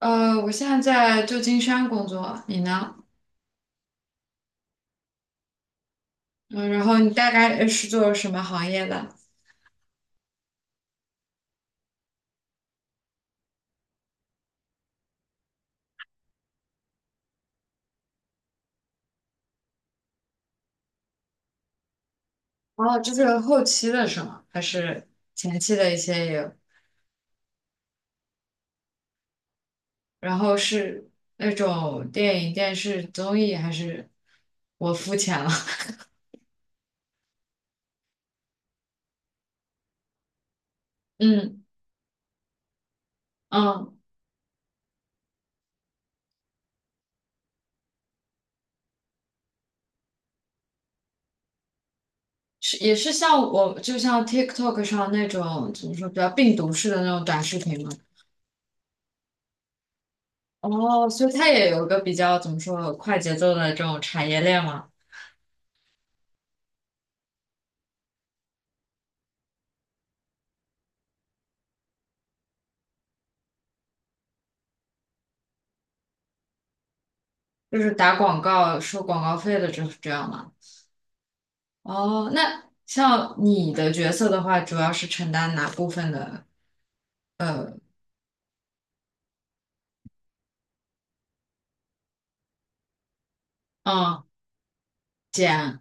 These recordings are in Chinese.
我现在在旧金山工作，你呢？嗯，然后你大概是做什么行业的？哦，就是后期的是吗？还是前期的一些也有？然后是那种电影、电视、综艺，还是我肤浅了？嗯嗯，是也是像我，就像 TikTok 上那种怎么说比较病毒式的那种短视频吗？哦，所以它也有个比较怎么说快节奏的这种产业链嘛。就是打广告收广告费的，这样吗？哦，那像你的角色的话，主要是承担哪部分的？呃，嗯，剪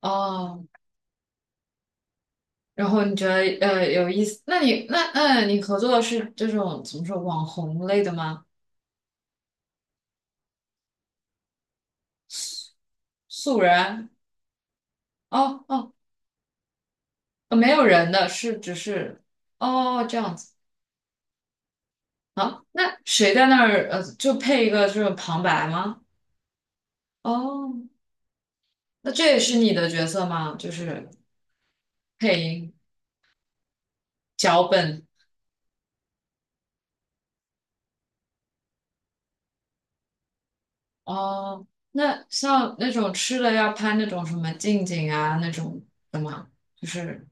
哦，然后你觉得有意思？那你那嗯，你合作的是这种怎么说网红类的吗？素人？哦哦，没有人的是只是哦这样子啊？那谁在那儿就配一个这种旁白吗？哦，那这也是你的角色吗？就是配音。脚本哦，那像那种吃的要拍那种什么近景啊那种的吗？就是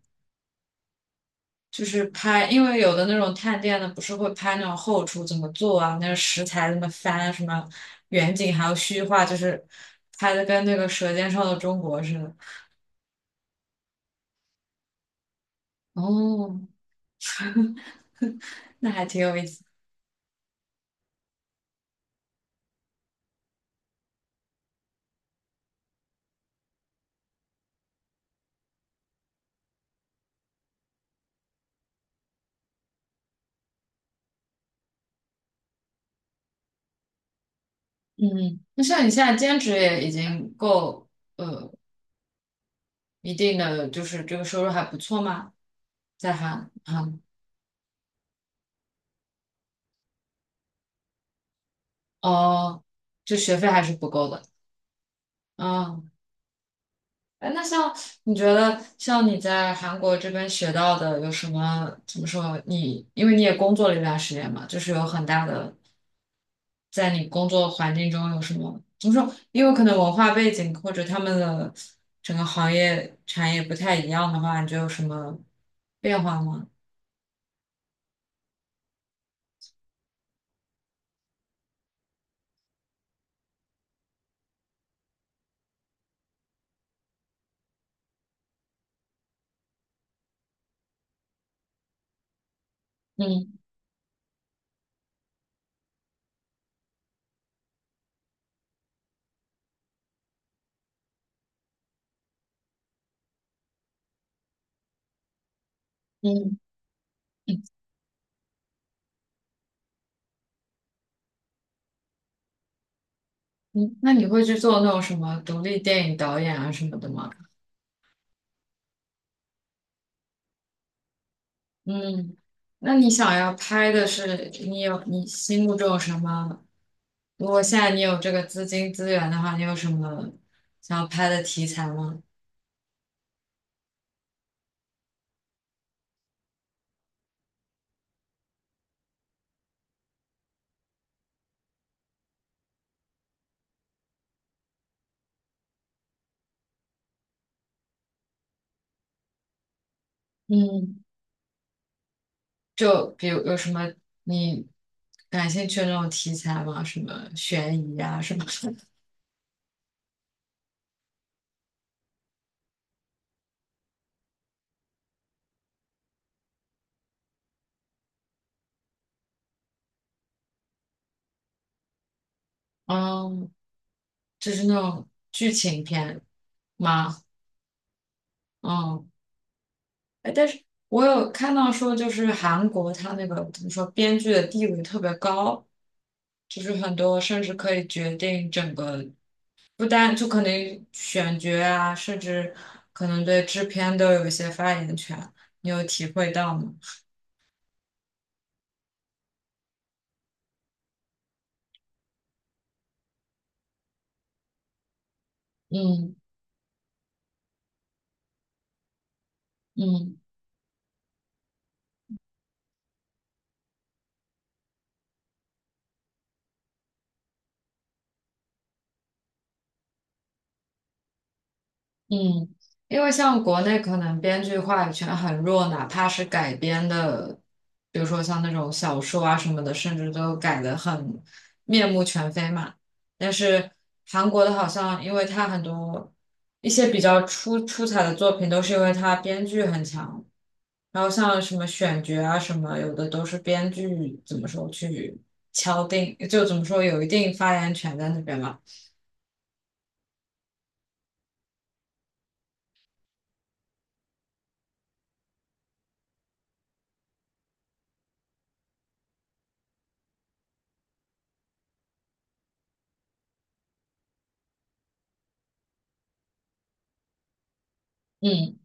就是拍，因为有的那种探店的不是会拍那种后厨怎么做啊，那个食材怎么翻啊，什么远景还有虚化，就是拍的跟那个《舌尖上的中国》似的。哦，那还挺有意思。嗯，那像你现在兼职也已经够呃一定的，就是这个收入还不错吗？在韩哦，就学费还是不够的。啊！哎，那像你觉得，像你在韩国这边学到的有什么？怎么说？你因为你也工作了一段时间嘛，就是有很大的，在你工作环境中有什么？怎么说？因为可能文化背景或者他们的整个行业产业不太一样的话，你觉得有什么变化吗？嗯嗯嗯，那你会去做那种什么独立电影导演啊什么的吗？嗯，那你想要拍的是你有你心目中有什么？如果现在你有这个资金资源的话，你有什么想要拍的题材吗？嗯，就比如有什么你感兴趣的那种题材吗？什么悬疑啊什么的？嗯，就是那种剧情片吗？嗯，哎，但是我有看到说，就是韩国它那个怎么说，编剧的地位特别高。就是很多甚至可以决定整个，不单就可能选角啊，甚至可能对制片都有一些发言权，你有体会到吗？嗯嗯嗯，因为像国内可能编剧话语权很弱，哪怕是改编的，比如说像那种小说啊什么的，甚至都改得很面目全非嘛。但是韩国的好像，因为它很多一些比较出彩的作品，都是因为它编剧很强，然后像什么选角啊什么，有的都是编剧怎么说去敲定，就怎么说有一定发言权在那边嘛。嗯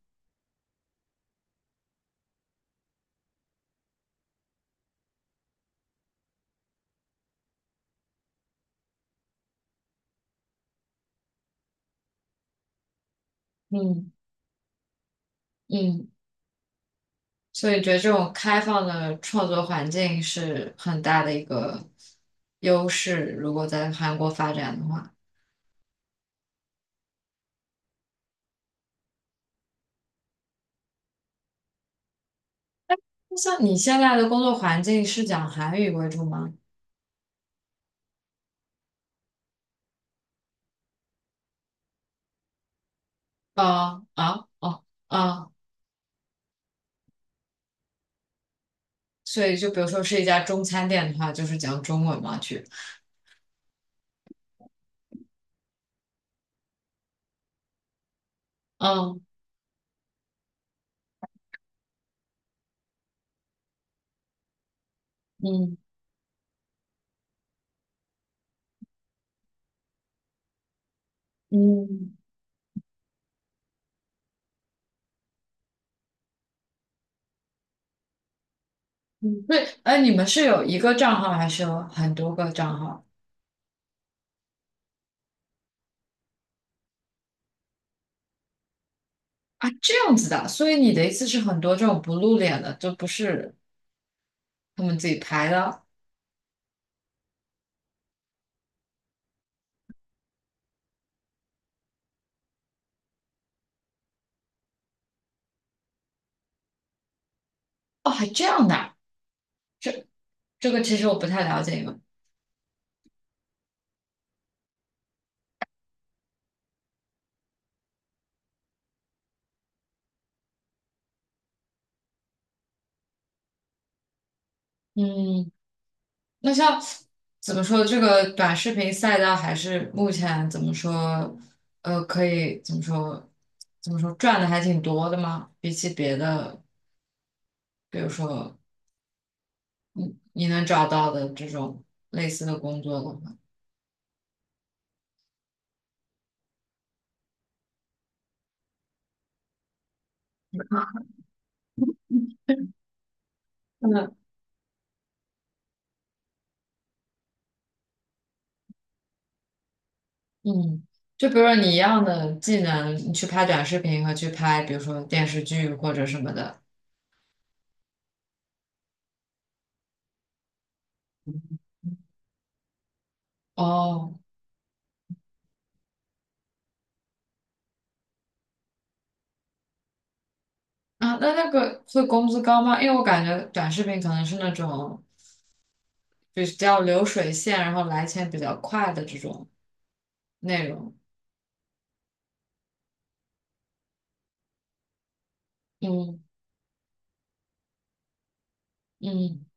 嗯嗯，所以觉得这种开放的创作环境是很大的一个优势，如果在韩国发展的话。那像你现在的工作环境是讲韩语为主吗？啊啊哦啊，所以就比如说是一家中餐店的话，就是讲中文嘛去。嗯嗯嗯嗯，对，哎，你们是有一个账号还是有很多个账号啊？这样子的啊，所以你的意思是很多这种不露脸的，就不是他们自己排的哦，还这样的啊这个其实我不太了解你们嗯，那像怎么说，这个短视频赛道还是目前怎么说，可以怎么说，怎么说赚的还挺多的吗？比起别的，比如说你能找到的这种类似的工作的话。嗯，就比如说你一样的技能，你去拍短视频和去拍，比如说电视剧或者什么的。哦，啊，那个会工资高吗？因为我感觉短视频可能是那种比较流水线，然后来钱比较快的这种内容。嗯嗯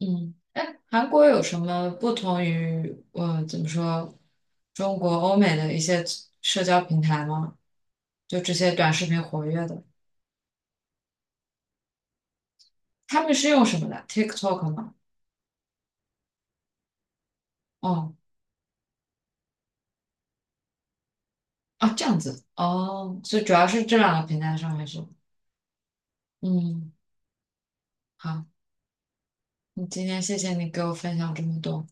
嗯。哎，韩国有什么不同于我怎么说中国、欧美的一些社交平台吗？就这些短视频活跃的，他们是用什么的？TikTok 吗？哦。啊，这样子哦，所以主要是这两个平台上面是，嗯，好，你今天谢谢你给我分享这么多。